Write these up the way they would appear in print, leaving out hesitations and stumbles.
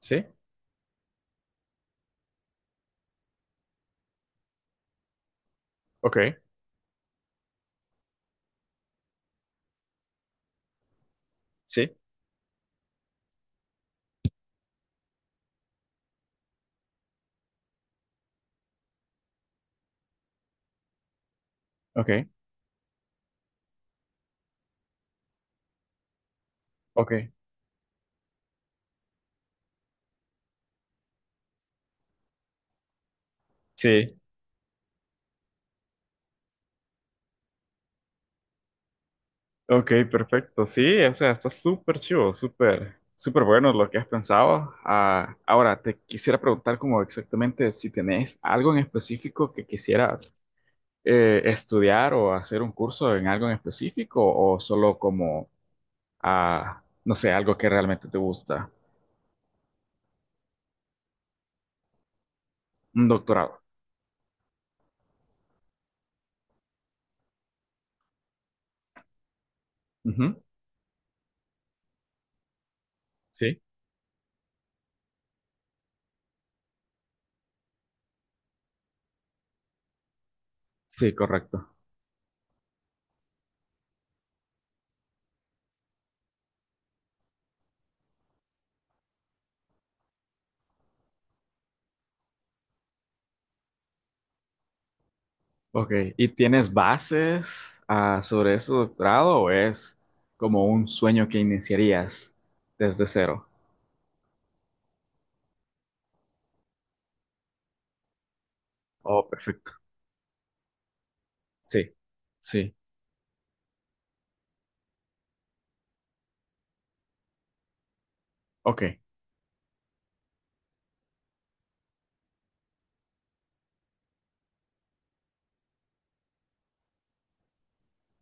Sí, ok, sí, ok, ok, sí, ok, perfecto. Sí, o sea, está súper chivo, súper, súper bueno lo que has pensado. Ah, ahora, te quisiera preguntar como exactamente si tenés algo en específico que quisieras estudiar o hacer un curso en algo en específico o solo como, no sé, algo que realmente te gusta. Un doctorado. Ujú. Sí, sí, correcto. Ok, ¿y tienes bases sobre ese doctorado o es como un sueño que iniciarías desde cero? Oh, perfecto. Sí, sí. Ok,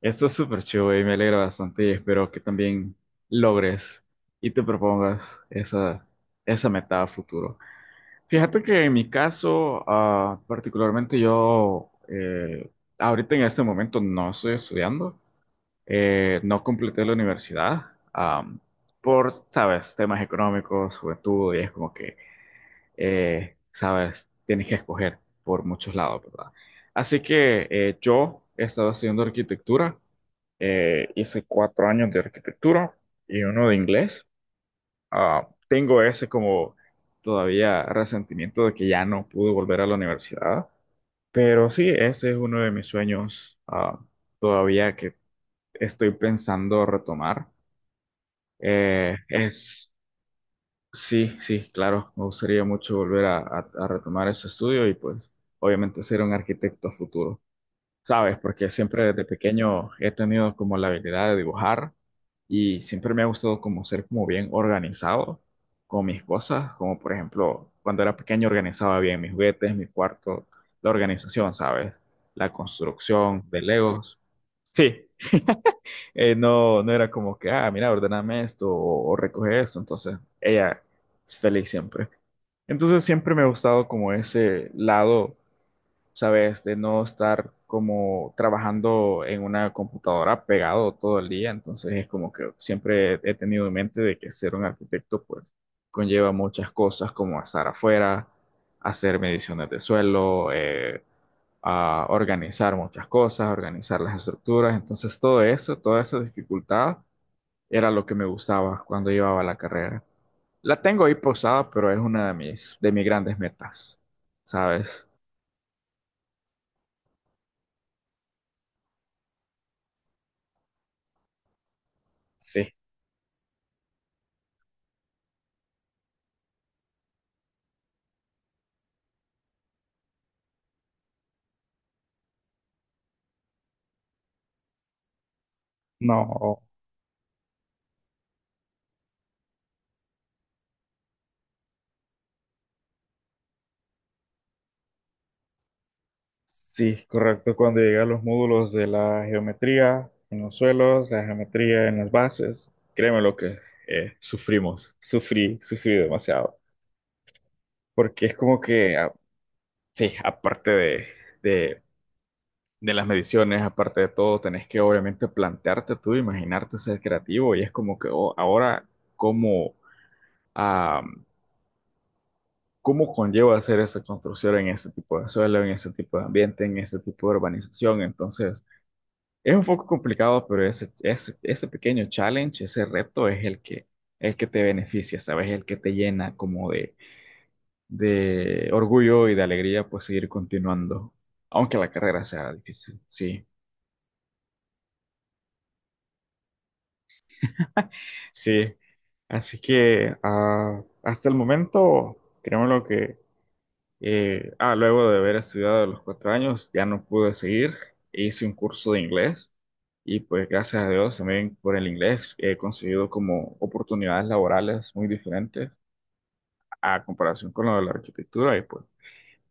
esto es súper chido y me alegra bastante y espero que también logres y te propongas esa, esa meta a futuro. Fíjate que en mi caso, particularmente yo, ahorita en este momento no estoy estudiando. No completé la universidad am, por, sabes, temas económicos, juventud, y es como que, sabes, tienes que escoger por muchos lados, ¿verdad? Así que yo he estado haciendo arquitectura, hice 4 años de arquitectura y uno de inglés. Ah, tengo ese como todavía resentimiento de que ya no pude volver a la universidad, pero sí, ese es uno de mis sueños todavía que estoy pensando retomar. Eh, es, sí, sí, claro, me gustaría mucho volver a retomar ese estudio y pues obviamente ser un arquitecto a futuro, ¿sabes? Porque siempre desde pequeño he tenido como la habilidad de dibujar y siempre me ha gustado como ser como bien organizado con mis cosas, como por ejemplo cuando era pequeño organizaba bien mis juguetes, mi cuarto, la organización, ¿sabes? La construcción de Legos. Sí, no, no era como que, ah, mira, ordename esto o recoge esto. Entonces, ella es feliz siempre. Entonces, siempre me ha gustado como ese lado, ¿sabes? De no estar como trabajando en una computadora pegado todo el día. Entonces, es como que siempre he tenido en mente de que ser un arquitecto, pues, conlleva muchas cosas como estar afuera, hacer mediciones de suelo, a organizar muchas cosas, organizar las estructuras. Entonces, todo eso, toda esa dificultad era lo que me gustaba cuando llevaba la carrera. La tengo ahí posada, pero es una de mis grandes metas, ¿sabes? Sí, no, sí, correcto. Cuando llegué a los módulos de la geometría en los suelos, la geometría en las bases, créeme lo que sufrimos, sufrí, sufrí demasiado. Porque es como que, sí, aparte de, de las mediciones, aparte de todo, tenés que obviamente plantearte tú, imaginarte ser creativo y es como que oh, ahora, ¿cómo? a cómo conlleva hacer esta construcción en este tipo de suelo, en este tipo de ambiente, en este tipo de urbanización. Entonces, es un poco complicado, pero ese pequeño challenge, ese reto es el que te beneficia, ¿sabes? El que te llena como de orgullo y de alegría, pues seguir continuando, aunque la carrera sea difícil. Sí, sí. Así que hasta el momento, créeme lo que... ah, luego de haber estudiado a los 4 años, ya no pude seguir. Hice un curso de inglés y pues gracias a Dios también por el inglés he conseguido como oportunidades laborales muy diferentes a comparación con lo de la arquitectura y pues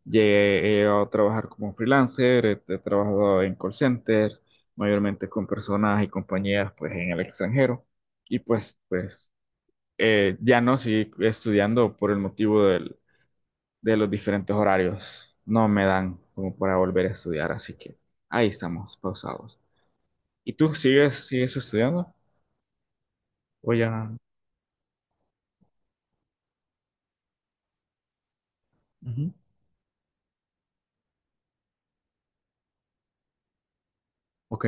llegué a trabajar como freelancer, he trabajado en call centers, mayormente con personas y compañías pues en el extranjero y pues ya no seguí estudiando por el motivo de los diferentes horarios no me dan como para volver a estudiar, así que ahí estamos, pausados. ¿Y tú sigues estudiando? O ya. Ujú. Ok.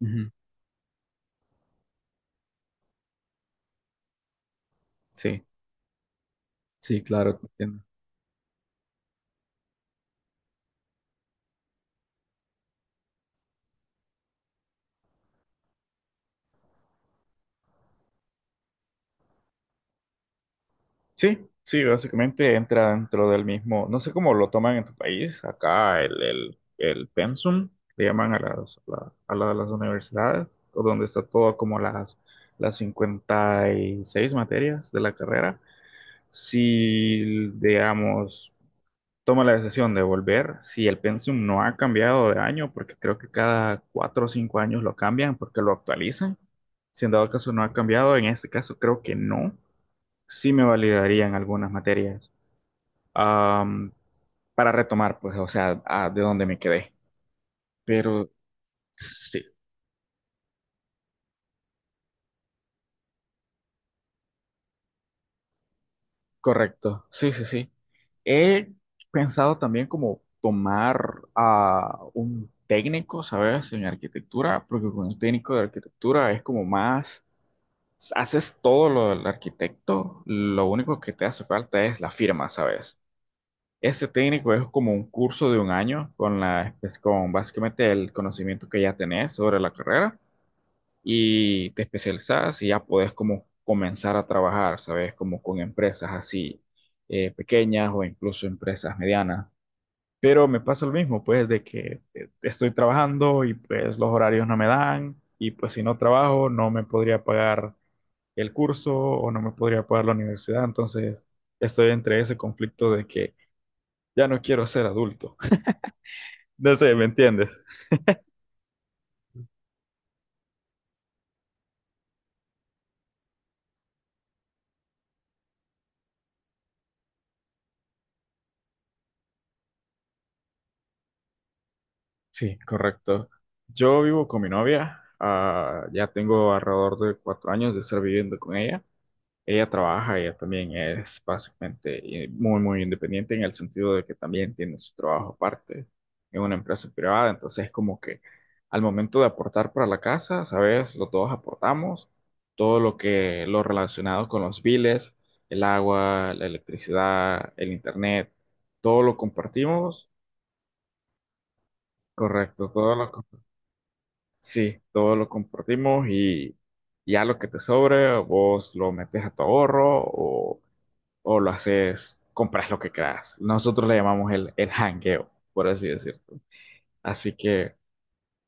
Ujú. Sí, sí, claro, te entiendo. Sí, sí, básicamente entra dentro del mismo, no sé cómo lo toman en tu país, acá el pensum, le llaman a las, la- a las universidades, o donde está todo como las 56 materias de la carrera. Si, digamos, toma la decisión de volver si el Pensum no ha cambiado de año, porque creo que cada 4 o 5 años lo cambian porque lo actualizan. Si en dado caso no ha cambiado, en este caso creo que no, sí me validarían algunas materias Am, para retomar, pues, o sea, de donde me quedé. Pero sí, correcto, sí, sí, sí. He pensado también como tomar a un técnico, ¿sabes? En arquitectura, porque con un técnico de arquitectura es como más. Haces todo lo del arquitecto, lo único que te hace falta es la firma, ¿sabes? Ese técnico es como un curso de un año con básicamente el conocimiento que ya tenés sobre la carrera y te especializas y ya podés como comenzar a trabajar, ¿sabes? Como con empresas así pequeñas o incluso empresas medianas. Pero me pasa lo mismo, pues, de que estoy trabajando y pues los horarios no me dan y pues si no trabajo no me podría pagar el curso o no me podría pagar la universidad, entonces estoy entre ese conflicto de que ya no quiero ser adulto. No sé, ¿me entiendes? Sí, correcto. Yo vivo con mi novia, ya tengo alrededor de 4 años de estar viviendo con ella. Ella trabaja, ella también es básicamente muy, muy independiente en el sentido de que también tiene su trabajo aparte en una empresa privada. Entonces es como que al momento de aportar para la casa, ¿sabes? Los dos aportamos todo lo que, lo relacionado con los biles, el agua, la electricidad, el internet, todo lo compartimos. Correcto, sí, todo lo compartimos y ya lo que te sobre, vos lo metes a tu ahorro o lo haces, compras lo que creas. Nosotros le llamamos el hangueo, por así decirlo. Así que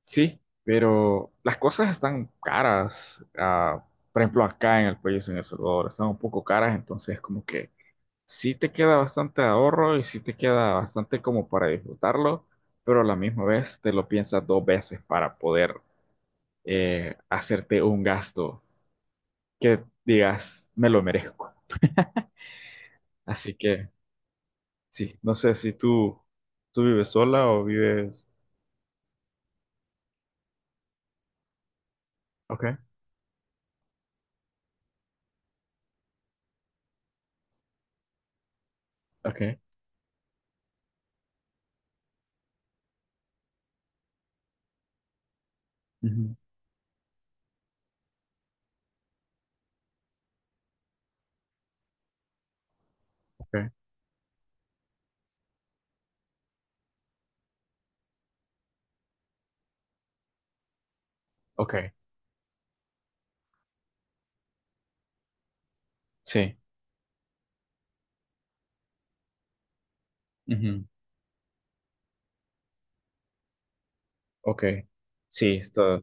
sí, pero las cosas están caras. Por ejemplo, acá en el país, en El Salvador, están un poco caras, entonces como que sí te queda bastante ahorro y sí te queda bastante como para disfrutarlo, pero a la misma vez te lo piensas dos veces para poder hacerte un gasto que digas, me lo merezco. Así que. Sí, no sé si tú vives sola o vives? Ok, ok, ujú, ok, ok, sí, ujú, ok, sí, esto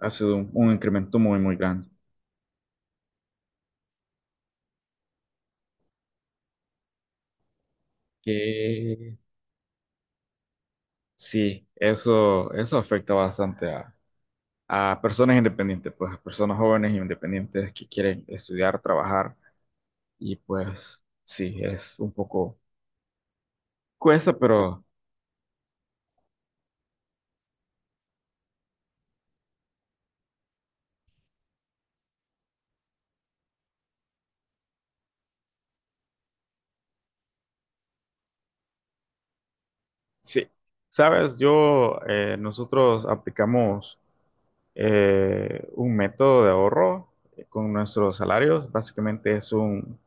ha sido un incremento muy, muy grande. Que sí, eso afecta bastante a personas independientes, pues a personas jóvenes independientes que quieren estudiar, trabajar y pues sí, es un poco cuesta, pero sí, sabes, nosotros aplicamos un método de ahorro con nuestros salarios. Básicamente es un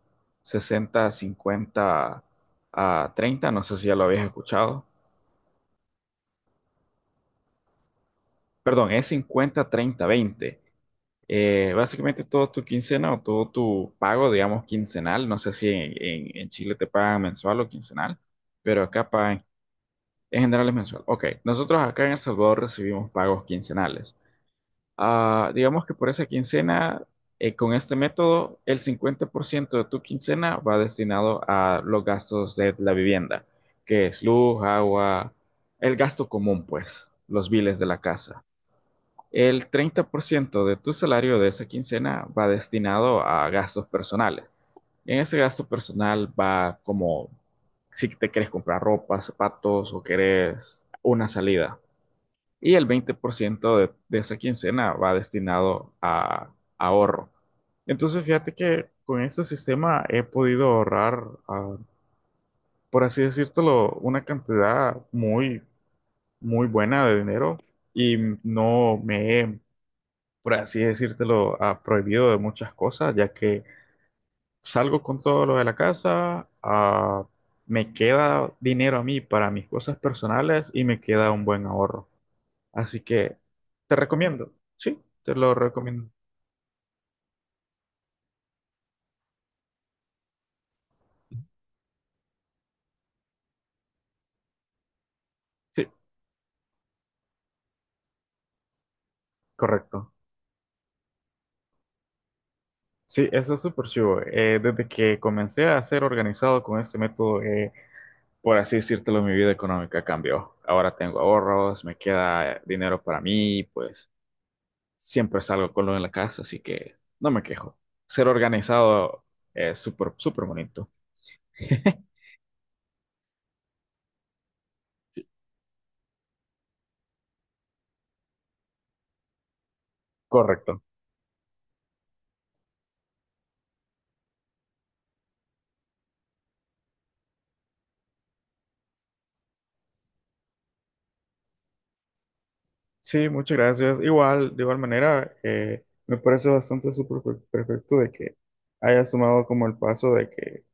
60 50 a 30. No sé si ya lo habías escuchado. Perdón, es 50 30 20. Básicamente todo tu quincena o todo tu pago, digamos, quincenal. No sé si en, en Chile te pagan mensual o quincenal, pero acá pagan, en general es mensual. Ok, nosotros acá en El Salvador recibimos pagos quincenales. Ah, digamos que por esa quincena, con este método, el 50% de tu quincena va destinado a los gastos de la vivienda, que es luz, agua, el gasto común, pues, los biles de la casa. El 30% de tu salario de esa quincena va destinado a gastos personales. En ese gasto personal va como si te querés comprar ropa, zapatos o querés una salida y el 20% esa quincena va destinado a ahorro. Entonces, fíjate que con este sistema he podido ahorrar, por así decírtelo, una cantidad muy, muy buena de dinero y no me he, por así decírtelo, prohibido de muchas cosas, ya que salgo con todo lo de la casa, me queda dinero a mí para mis cosas personales y me queda un buen ahorro. Así que te recomiendo. Sí, te lo recomiendo. Sí, correcto. Sí, eso es súper chivo. Desde que comencé a ser organizado con este método, por así decírtelo, mi vida económica cambió. Ahora tengo ahorros, me queda dinero para mí, pues siempre salgo con lo en la casa, así que no me quejo. Ser organizado es súper, súper bonito. Correcto. Sí, muchas gracias. Igual, de igual manera, me parece bastante súper perfecto de que hayas tomado como el paso de que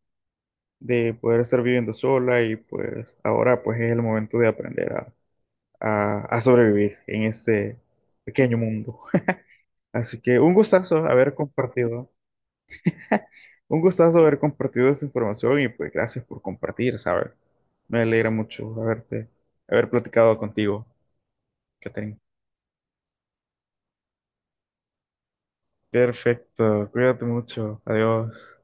de poder estar viviendo sola y pues ahora pues es el momento de aprender a sobrevivir en este pequeño mundo. Así que un gustazo haber compartido esta información y pues gracias por compartir, ¿sabes? Me alegra mucho haber platicado contigo, Catherine. Perfecto, cuídate mucho, adiós.